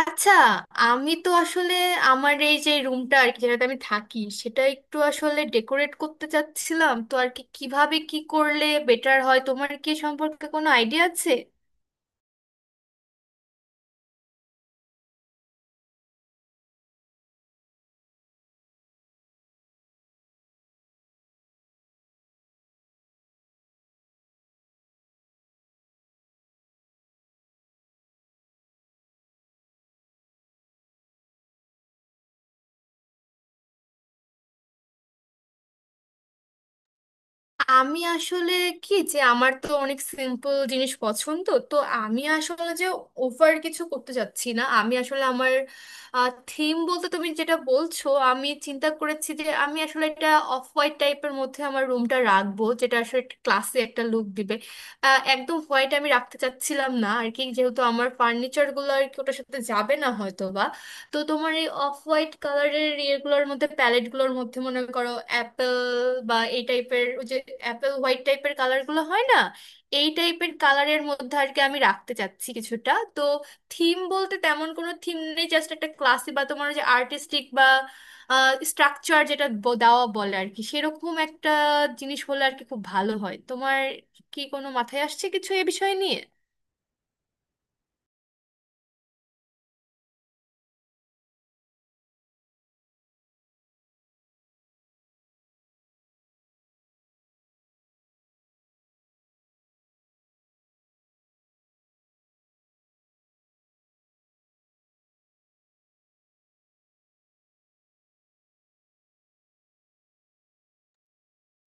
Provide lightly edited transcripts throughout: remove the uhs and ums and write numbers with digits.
আচ্ছা, আমি তো আসলে আমার এই যে রুমটা আর কি যেটাতে আমি থাকি সেটা একটু আসলে ডেকোরেট করতে চাচ্ছিলাম তো আর কি, কিভাবে কি করলে বেটার হয়, তোমার কি এ সম্পর্কে কোনো আইডিয়া আছে? আমি আসলে কি যে, আমার তো অনেক সিম্পল জিনিস পছন্দ, তো আমি আসলে যে ওভার কিছু করতে যাচ্ছি না। আমি আসলে আমার থিম বলতে তুমি যেটা বলছো, আমি চিন্তা করেছি যে আমি আসলে একটা অফ হোয়াইট টাইপের মধ্যে আমার রুমটা রাখবো, যেটা আসলে ক্লাসে একটা লুক দিবে। একদম হোয়াইট আমি রাখতে চাচ্ছিলাম না আর কি, যেহেতু আমার ফার্নিচারগুলো আর কি ওটার সাথে যাবে না হয়তো। তো তোমার এই অফ হোয়াইট কালারের ইয়েগুলোর মধ্যে, প্যালেট গুলোর মধ্যে, মনে করো অ্যাপেল বা এই টাইপের, যে অ্যাপেল হোয়াইট টাইপের কালার গুলো হয় না, এই টাইপের কালারের মধ্যে আর কি আমি রাখতে চাচ্ছি কিছুটা। তো থিম বলতে তেমন কোনো থিম নেই, জাস্ট একটা ক্লাসি বা তোমার ওই যে আর্টিস্টিক বা স্ট্রাকচার যেটা দেওয়া বলে আর কি, সেরকম একটা জিনিস হলে আর কি খুব ভালো হয়। তোমার কি কোনো মাথায় আসছে কিছু এ বিষয় নিয়ে?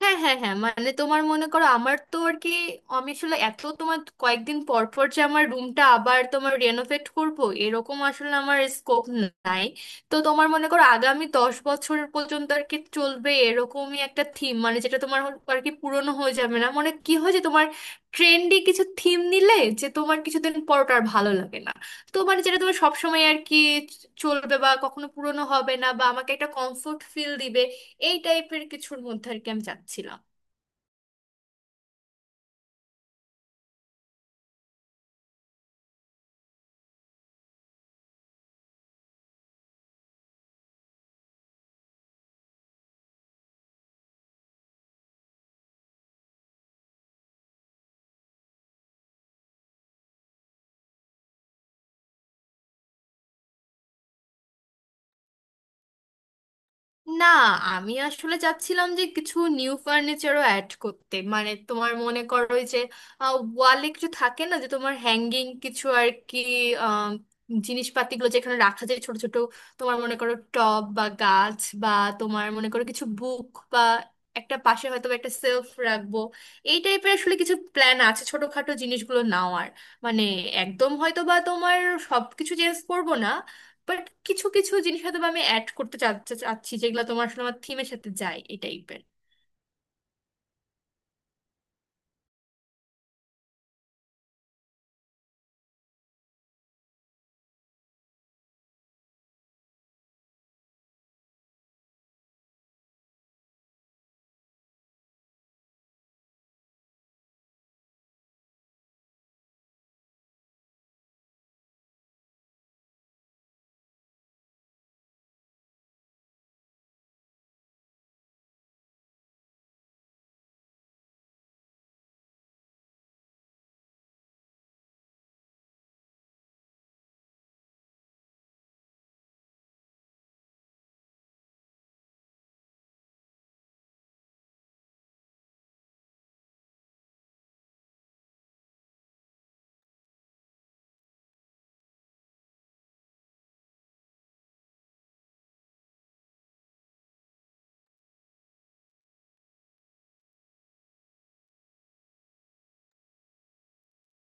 হ্যাঁ, হ্যাঁ, হ্যাঁ, মানে তোমার মনে করো আমার তো আর কি, আমি আসলে এত তোমার কয়েকদিন পর পর যে আমার রুমটা আবার তোমার রেনোভেট করব এরকম আসলে আমার স্কোপ নাই। তো তোমার মনে করো আগামী 10 বছর পর্যন্ত আর কি চলবে এরকমই একটা থিম, মানে যেটা তোমার আর কি পুরনো হয়ে যাবে না। মানে কি হয় যে তোমার ট্রেন্ডি কিছু থিম নিলে যে তোমার কিছুদিন পর ওটা আর ভালো লাগে না, তো মানে যেটা তোমার সবসময় আর কি চলবে বা কখনো পুরনো হবে না বা আমাকে একটা কমফোর্ট ফিল দিবে, এই টাইপের কিছুর মধ্যে আর কি আমি চাচ্ছিলাম। না, আমি আসলে চাচ্ছিলাম যে কিছু নিউ ফার্নিচারও অ্যাড করতে, মানে তোমার মনে করো ওই যে ওয়ালে কিছু থাকে না যে তোমার হ্যাঙ্গিং কিছু আর কি, আহ, জিনিসপাতিগুলো যেখানে রাখা যায় ছোট ছোট, তোমার মনে করো টব বা গাছ বা, তোমার মনে করো কিছু বুক বা একটা পাশে হয়তো বা একটা সেলফ রাখবো, এই টাইপের আসলে কিছু প্ল্যান আছে ছোটখাটো জিনিসগুলো নাও। আর মানে একদম হয়তো বা তোমার সবকিছু চেঞ্জ করবো না, বাট কিছু কিছু জিনিস হয়তো বা আমি অ্যাড করতে চা- চা- চাচ্ছি যেগুলো তোমার আসলে আমার থিমের সাথে যায়, এই টাইপের।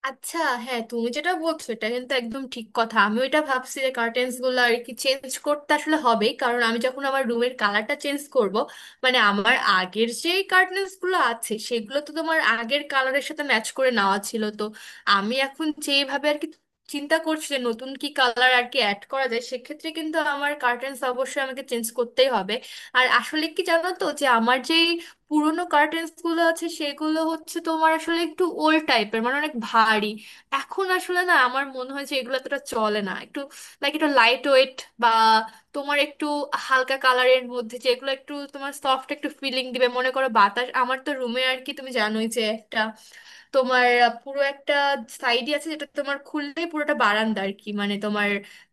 আচ্ছা। হ্যাঁ, তুমি যেটা বলছো এটা কিন্তু একদম ঠিক কথা। আমি ওইটা ভাবছি যে কার্টেন্স গুলো আর কি চেঞ্জ করতে আসলে হবেই, কারণ আমি যখন আমার রুমের কালারটা চেঞ্জ করব, মানে আমার আগের যে কার্টেন্স গুলো আছে সেগুলো তো তোমার আগের কালারের সাথে ম্যাচ করে নেওয়া ছিল। তো আমি এখন যেভাবে আর কি চিন্তা করছি যে নতুন কি কালার আর কি অ্যাড করা যায়, সেক্ষেত্রে কিন্তু আমার কার্টেন্স অবশ্যই আমাকে চেঞ্জ করতেই হবে। আর আসলে কি জানো তো, যে আমার যেই পুরোনো কার্টেন্স গুলো আছে সেগুলো হচ্ছে তোমার আসলে একটু ওল্ড টাইপের, মানে অনেক ভারী। এখন আসলে না, আমার মনে হয় যে এগুলো এতটা চলে না, একটু লাইক একটু লাইট ওয়েট বা তোমার একটু হালকা কালারের মধ্যে যেগুলো একটু তোমার সফট একটু ফিলিং দিবে। মনে করো বাতাস, আমার তো রুমে আর কি তুমি জানোই যে একটা তোমার পুরো একটা সাইডই আছে যেটা তোমার খুললেই পুরোটা বারান্দা আর কি, মানে,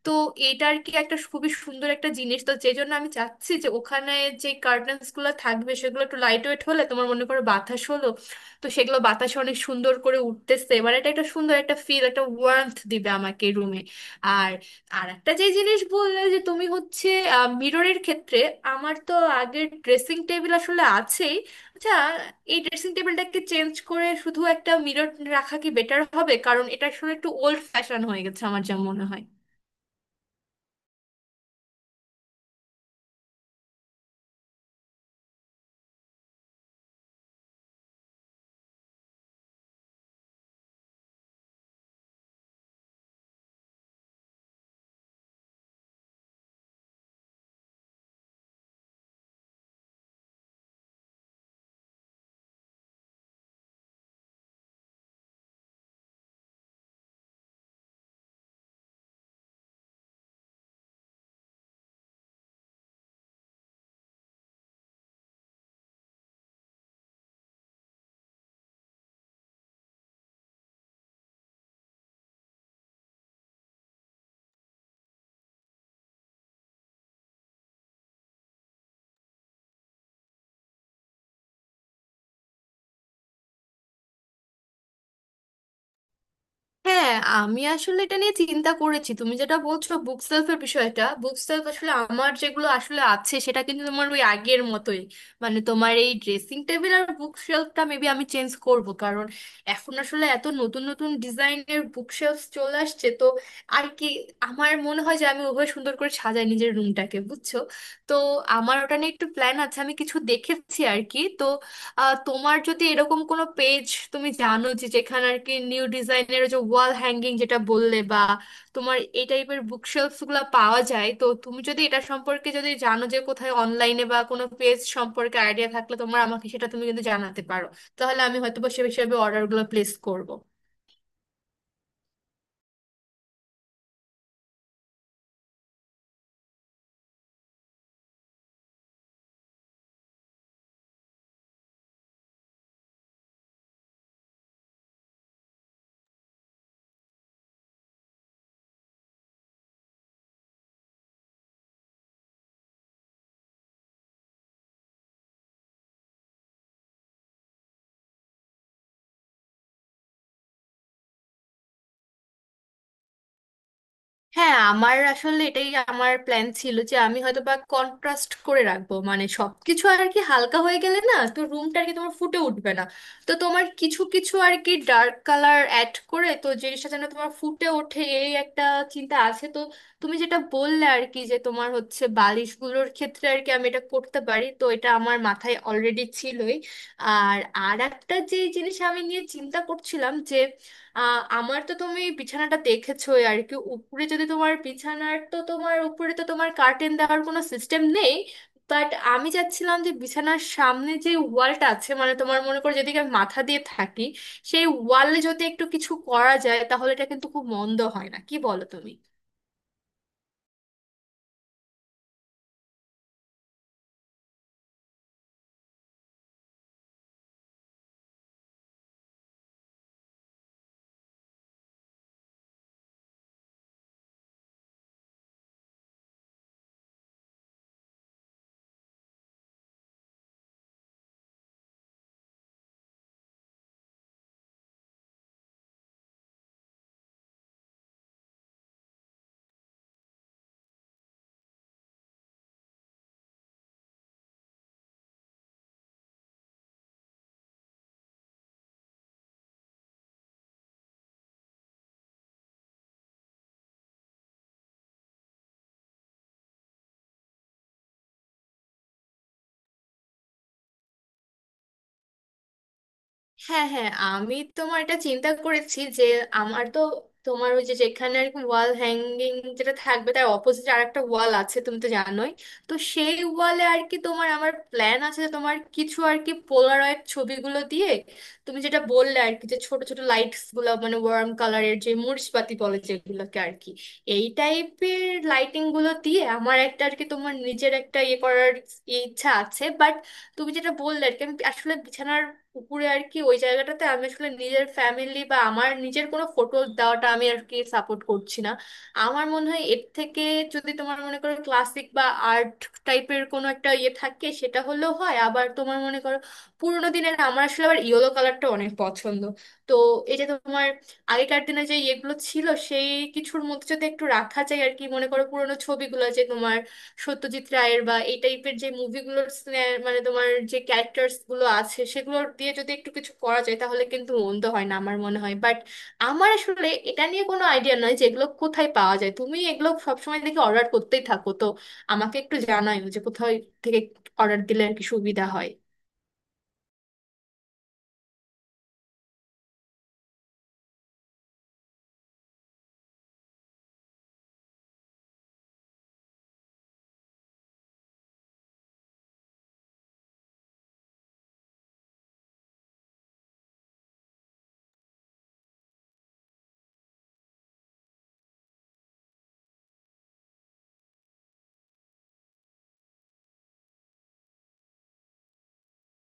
তো এটার কি একটা খুবই সুন্দর একটা জিনিস, তো যে জন্য আমি চাচ্ছি যে ওখানে যে কার্টেন্স গুলো থাকবে সেগুলো একটু লাইট ওয়েট হলে তোমার মনে করো বাতাস হলো তো সেগুলো বাতাসে অনেক সুন্দর করে উঠতেছে, এবার এটা একটা সুন্দর একটা ফিল, একটা ওয়ার্মথ দিবে আমাকে রুমে। আর আর একটা যে জিনিস বললে যে তুমি, হচ্ছে মিররের ক্ষেত্রে, আমার তো আগের ড্রেসিং টেবিল আসলে আছেই। আচ্ছা, এই ড্রেসিং টেবিলটাকে চেঞ্জ করে শুধু একটা মিরর রাখা কি বেটার হবে? কারণ এটা আসলে একটু ওল্ড ফ্যাশন হয়ে গেছে আমার যা মনে হয়। হ্যাঁ, আমি আসলে এটা নিয়ে চিন্তা করেছি। তুমি যেটা বলছো বুক সেলফের বিষয়টা, বুক সেলফ আসলে আমার যেগুলো আসলে আছে সেটা কিন্তু তোমার ওই আগের মতোই। মানে তোমার এই ড্রেসিং টেবিল আর বুক শেলফটা মেবি আমি চেঞ্জ করব, কারণ এখন আসলে এত নতুন নতুন ডিজাইনের বুক শেলফ চলে আসছে, তো আর কি আমার মনে হয় যে আমি ওভাবে সুন্দর করে সাজাই নিজের রুমটাকে, বুঝছো? তো আমার ওটা নিয়ে একটু প্ল্যান আছে, আমি কিছু দেখেছি আর কি। তো তোমার যদি এরকম কোনো পেজ তুমি জানো যে, যেখানে আর কি নিউ ডিজাইনের যে ওয়াল হ্যাঙ্গিং যেটা বললে বা তোমার এই টাইপের বুকশেলফস গুলো পাওয়া যায়, তো তুমি যদি এটা সম্পর্কে যদি জানো যে কোথায় অনলাইনে বা কোনো পেজ সম্পর্কে আইডিয়া থাকলে তোমার, আমাকে সেটা তুমি কিন্তু জানাতে পারো, তাহলে আমি হয়তো বা সে হিসাবে অর্ডারগুলো প্লেস করব। হ্যাঁ, আমার আসলে এটাই আমার প্ল্যান ছিল যে আমি হয়তো বা কন্ট্রাস্ট করে রাখবো, মানে সবকিছু আর কি হালকা হয়ে গেলে না তো রুমটা আর কি তোমার ফুটে উঠবে না। তো তোমার কিছু কিছু আর কি ডার্ক কালার অ্যাড করে তো জিনিসটা যেন তোমার ফুটে ওঠে, এই একটা চিন্তা আছে। তো তুমি যেটা বললে আর কি যে তোমার হচ্ছে বালিশগুলোর ক্ষেত্রে আর কি, আমি এটা করতে পারি, তো এটা আমার মাথায় অলরেডি ছিলই। আর আর একটা যে জিনিস আমি নিয়ে চিন্তা করছিলাম, আমার তো তুমি বিছানাটা দেখেছোই আর কি, উপরে যদি তোমার বিছানার, তো তোমার উপরে তো তোমার কার্টেন দেওয়ার কোনো সিস্টেম নেই, বাট আমি চাচ্ছিলাম যে বিছানার সামনে যে ওয়ালটা আছে, মানে তোমার মনে করো যেদিকে আমি মাথা দিয়ে থাকি, সেই ওয়ালে যদি একটু কিছু করা যায় তাহলে এটা কিন্তু খুব মন্দ হয় না, কি বলো তুমি? হ্যাঁ, হ্যাঁ, আমি তোমার এটা চিন্তা করেছি যে আমার তো তোমার ওই যে যেখানে আর কি ওয়াল হ্যাঙ্গিং যেটা থাকবে তার অপোজিট আর একটা ওয়াল আছে তুমি তো জানোই। তো সেই ওয়ালে আর কি তোমার আমার প্ল্যান আছে যে তোমার কিছু আর কি পোলারয়েড ছবিগুলো দিয়ে, তুমি যেটা বললে আর কি যে ছোট ছোট লাইটস গুলো মানে ওয়ার্ম কালারের যে মরিচবাতি বলে যেগুলোকে আর কি, এই টাইপের লাইটিং গুলো দিয়ে আমার একটা আর কি তোমার নিজের একটা ইয়ে করার ইচ্ছা আছে। বাট তুমি যেটা বললে আর কি, আমি আসলে বিছানার উপরে আর কি ওই জায়গাটাতে আমি আসলে নিজের ফ্যামিলি বা আমার নিজের কোনো ফটো দেওয়াটা আমি আর কি সাপোর্ট করছি না। আমার মনে হয় এর থেকে, যদি তোমার মনে করো ক্লাসিক বা আর্ট টাইপের কোনো একটা ইয়ে থাকে সেটা হলেও হয়। আবার তোমার মনে করো পুরোনো দিনের, আমার আসলে আবার ইয়েলো কালারটা অনেক পছন্দ। তো এই যে তোমার আগেকার দিনে যে ইয়েগুলো ছিল সেই কিছুর মধ্যে যদি একটু রাখা যায় আর কি, মনে করো পুরোনো ছবিগুলো যে তোমার সত্যজিৎ রায়ের বা এই টাইপের যে মুভিগুলোর, মানে তোমার যে ক্যারেক্টার্স গুলো আছে সেগুলো দিয়ে যদি একটু কিছু করা যায় তাহলে কিন্তু মন্দ হয় না আমার মনে হয়। বাট আমার আসলে এটা নিয়ে কোনো আইডিয়া নয় যে এগুলো কোথায় পাওয়া যায়। তুমি এগুলো সবসময় দেখি অর্ডার করতেই থাকো, তো আমাকে একটু জানাইও যে কোথায় থেকে অর্ডার দিলে আর কি সুবিধা হয়।